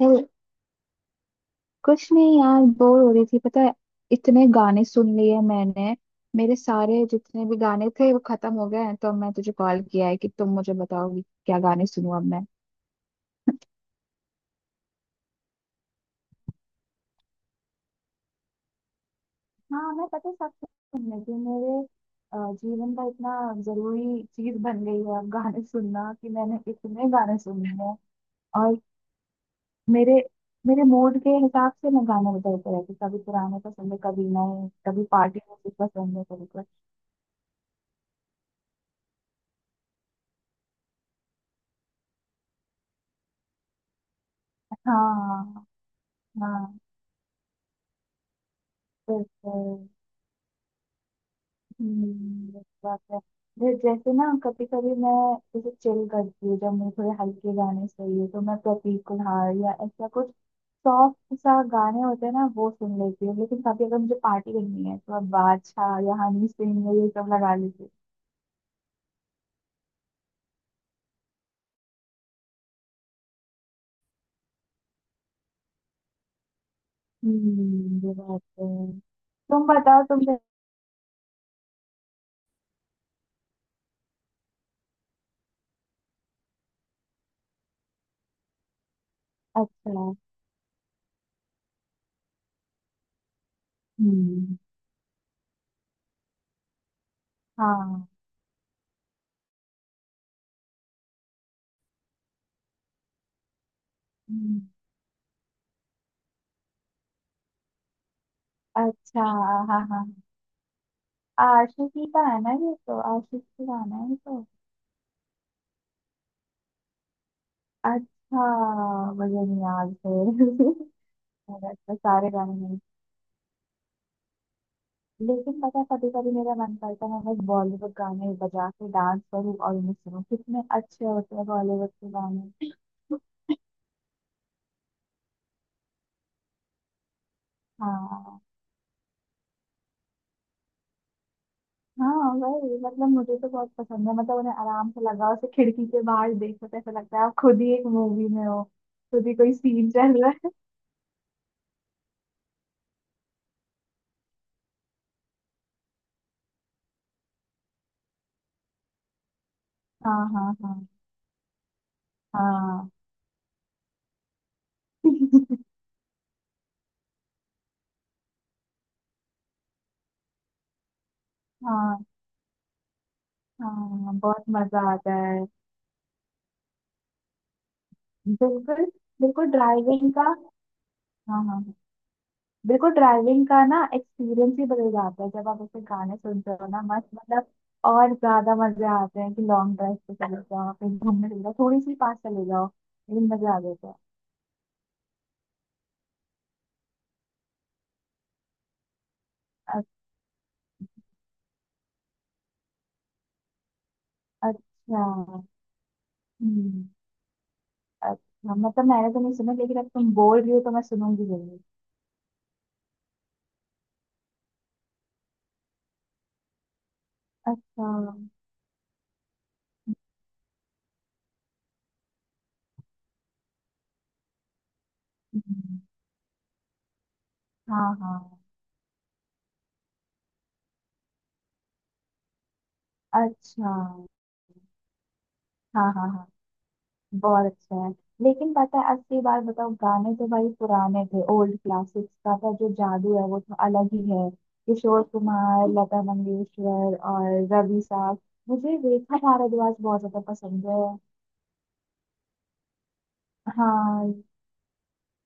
चल, कुछ नहीं यार, बोर हो रही थी पता है। इतने गाने सुन लिए हैं मैंने। मेरे सारे जितने भी गाने थे वो खत्म हो गए हैं, तो मैं तुझे कॉल किया है कि तुम मुझे बताओगी क्या गाने सुनूं अब मैं। हाँ, मैं पता है सब सुनने की मेरे जीवन का इतना जरूरी चीज बन गई है अब गाने सुनना कि मैंने इतने गाने सुने हैं। और मेरे मेरे मूड के हिसाब से मैं गाने बदलते रहती हूँ। कभी पुराने पसंद है, कभी नए, कभी पार्टी म्यूजिक पसंद है, कभी कुछ। हाँ, हाँ, बिल्कुल। हम्म, ये बात है। जैसे ना कभी कभी मैं, जैसे चिल करती हूँ, जब मुझे थोड़े हल्के गाने चाहिए तो मैं प्रतीक कुहाड़ या ऐसा कुछ सॉफ्ट सा गाने होते हैं ना, वो सुन लेती हूँ। लेकिन कभी अगर मुझे पार्टी करनी है तो मैं बादशाह या हनी सिंह या ये सब लगा लेती हूँ। ये बात तो है। तुम बताओ, तुमने। अच्छा। हम्म। हाँ। हम्म। अच्छा। हाँ, हाँ, आशिकी का है ना? ये तो आशिकी का गाना है ये तो। अच्छा, मुझे नहीं याद फिर। मेरा तो सारे गाने नहीं। लेकिन पता है कभी कभी मेरा मन करता है मैं बॉलीवुड गाने बजा के डांस करूँ और उन्हें सुनूं। कितने अच्छे होते हैं बॉलीवुड के गाने। हाँ, हाँ, वही मतलब मुझे तो बहुत पसंद है। मतलब उन्हें आराम से लगाओ, उसे खिड़की के बाहर देखो तो ऐसा लगता है आप खुद ही एक मूवी में हो, खुद ही कोई सीन चल रहा है। हाँ, हाँ, हाँ, हाँ। हाँ, हाँ, बहुत मजा आता है। बिल्कुल। बिल्कुल ड्राइविंग का। हाँ, हाँ, हाँ। बिल्कुल ड्राइविंग का ना एक्सपीरियंस ही बदल जाता है जब आप ऐसे गाने सुनते हो ना, मस्त मतलब। और ज्यादा मजे आते हैं कि लॉन्ग ड्राइव पे चले जाओ, कहीं घूमने चले जाओ, थोड़ी सी पास चले जाओ, लेकिन मजे आ जाते हैं। अ- अच्छा। हम्म। अच्छा, मतलब मैंने तो नहीं सुना, लेकिन अब तुम बोल रही हो तो मैं सुनूंगी जरूर। अच्छा। हम्म, हाँ, हाँ। अच्छा। हाँ, हाँ, हाँ, बहुत अच्छे हैं। लेकिन पता है असली बात बताओ, गाने तो भाई पुराने थे, ओल्ड क्लासिक्स का था, जो जादू है वो तो अलग ही है। किशोर कुमार, लता मंगेशकर और रवि साहब। मुझे रेखा भारद्वाज बहुत ज्यादा पसंद है। हाँ,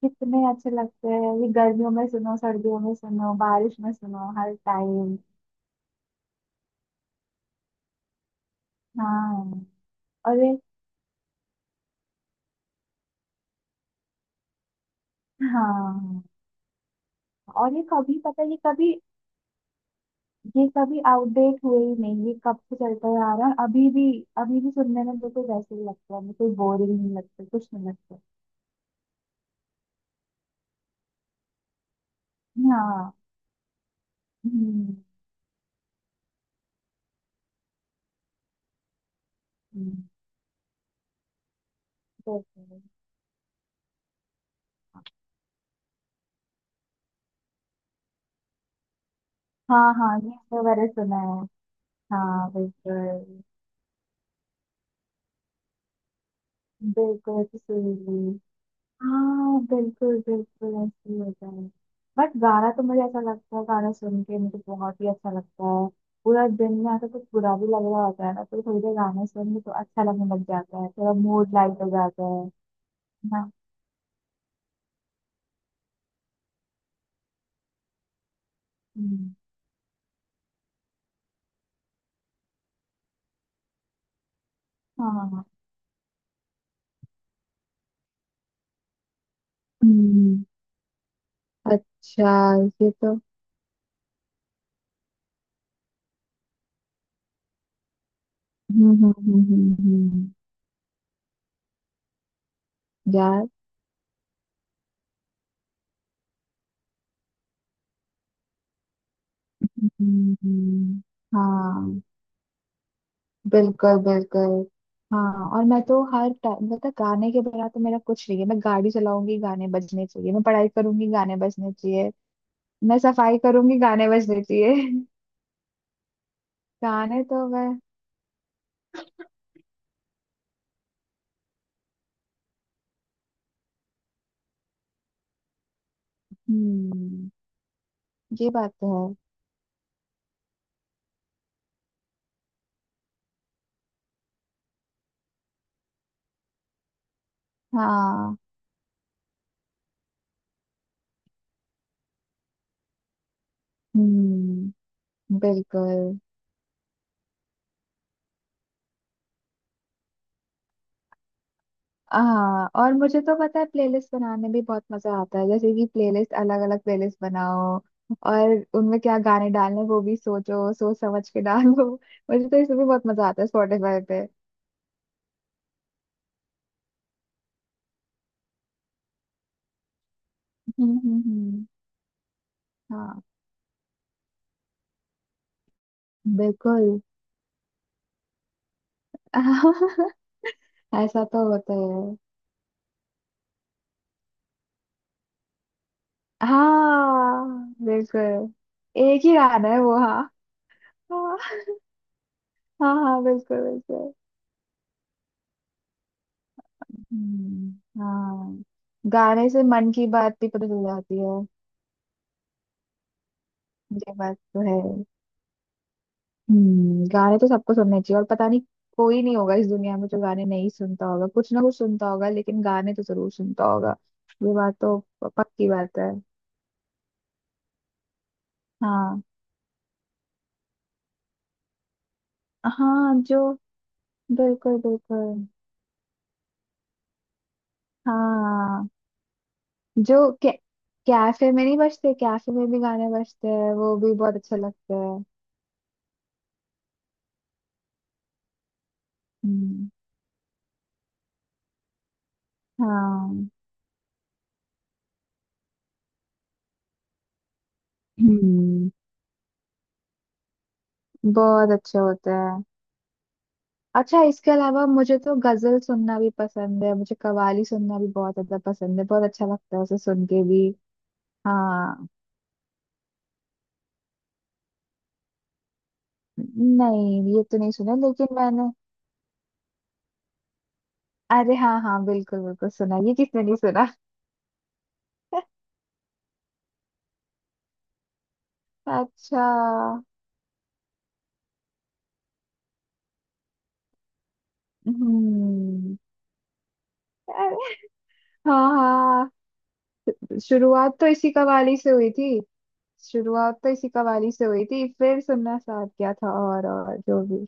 कितने अच्छे लगते हैं ये। गर्मियों में सुनो, सर्दियों में सुनो, बारिश में सुनो, हर टाइम। हाँ, और ये। हाँ, और ये कभी, पता है, ये कभी, ये कभी आउटडेट हुए ही नहीं। ये कब से चलता हुआ आ रहा है, अभी भी। अभी भी सुनने में बिल्कुल वैसे ही लगता है, बिल्कुल बोरिंग नहीं लगता, कुछ नहीं लगता। हाँ। हम्म। हम्म, बिल्कुल। हाँ, हाँ, ये तो मैंने सुना है। हाँ, बिल्कुल। बिल्कुल, इसीलिए। हाँ, बिल्कुल बिल्कुल ऐसे ही होता है। बट गाना तो मुझे ऐसा लगता है, गाना सुन के मुझे बहुत ही अच्छा लगता है। पूरा दिन में ऐसा कुछ बुरा भी लग रहा होता है ना, तो थोड़ी देर गाने सुन के तो अच्छा लगने लग जाता है, थोड़ा मूड लाइट हो जाता है। ना। हम्म, हाँ, हाँ, हाँ। हम्म। अच्छा। ये तो। हम्म, हम्म, हम्म, हम्म, यार। हम्म, हाँ, बिल्कुल बिल्कुल। हाँ, और मैं तो हर टाइम मतलब गाने के बिना तो मेरा कुछ नहीं है। मैं गाड़ी चलाऊंगी, गाने बजने चाहिए। मैं पढ़ाई करूंगी, गाने बजने चाहिए। मैं सफाई करूंगी, गाने बजने चाहिए। गाने तो मैं। हम्म, ये बात तो है। हाँ। हम्म, बिल्कुल। हाँ, और मुझे तो पता है प्लेलिस्ट बनाने में भी बहुत मजा आता है। जैसे कि प्लेलिस्ट, अलग अलग प्लेलिस्ट बनाओ, और उनमें क्या गाने डालने वो भी सोचो, सोच समझ के डालो। मुझे तो इसमें भी बहुत मजा आता है, स्पॉटिफाई। हम्म, हम्म, हाँ। बिल्कुल। ऐसा तो होता ही है। हाँ, बिल्कुल। एक ही गाना है वो, हाँ। हाँ, हाँ, हाँ, बिल्कुल बिल्कुल। हम्म, हाँ। गाने से मन की बात भी पता चल जाती है। ये बात तो है। हम्म, गाने तो सबको सुनने चाहिए, और पता नहीं, कोई नहीं होगा इस दुनिया में जो गाने नहीं सुनता होगा। कुछ ना कुछ सुनता होगा, लेकिन गाने तो जरूर सुनता होगा। ये बात तो, पक्की बात है। हाँ। हाँ, जो बिल्कुल बिल्कुल। हाँ, जो कै, कैफे में नहीं बजते, कैफे में भी गाने बजते हैं, वो भी बहुत अच्छे लगते हैं। हम्म। हाँ। हम्म, बहुत अच्छे होते हैं। अच्छा, इसके अलावा मुझे तो गजल सुनना भी पसंद है, मुझे कव्वाली सुनना भी बहुत ज्यादा पसंद है, बहुत अच्छा लगता है उसे सुन के भी। हाँ, नहीं ये तो नहीं सुना, लेकिन मैंने। अरे, हाँ हाँ, बिल्कुल बिल्कुल सुना, ये किसने नहीं सुना। अच्छा। हम्म। हाँ, हाँ, हाँ। शुरुआत तो इसी कवाली से हुई थी। शुरुआत तो इसी कवाली से हुई थी, फिर सुनना स्टार्ट किया था, और जो भी।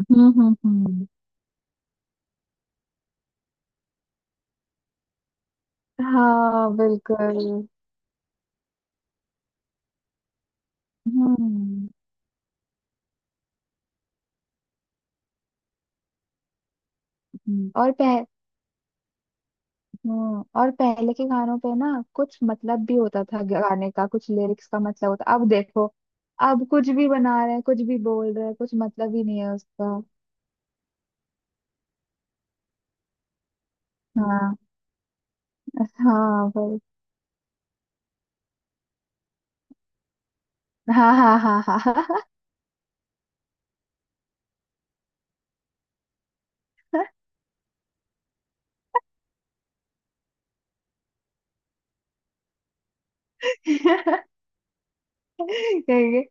हम्म, हम्म, हम्म। हाँ, बिल्कुल। हम्म, और पह। और पहले के गानों पे ना कुछ मतलब भी होता था गाने का, कुछ लिरिक्स का मतलब होता। अब देखो, अब कुछ भी बना रहे हैं, कुछ भी बोल रहे हैं, कुछ मतलब ही नहीं है उसका। हाँ। हाँ भाई। हाँ, हाँ, हाँ, हाँ, हाँ। कहेंगे।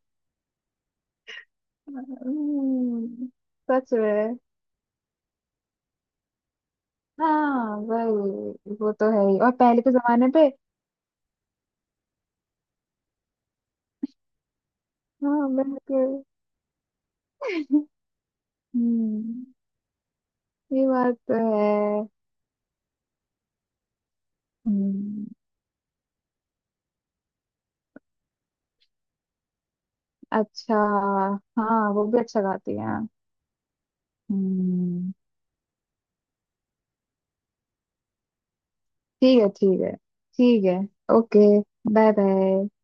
हम्म, सच में। हाँ, वही, वो तो है ही, और पहले के जमाने पे। हाँ, बिल्कुल। हम्म, ये बात तो है। हम्म। अच्छा, हाँ, वो भी अच्छा गाती है। हम्म। ठीक है, ठीक है, ठीक है। Okay, bye. बाय,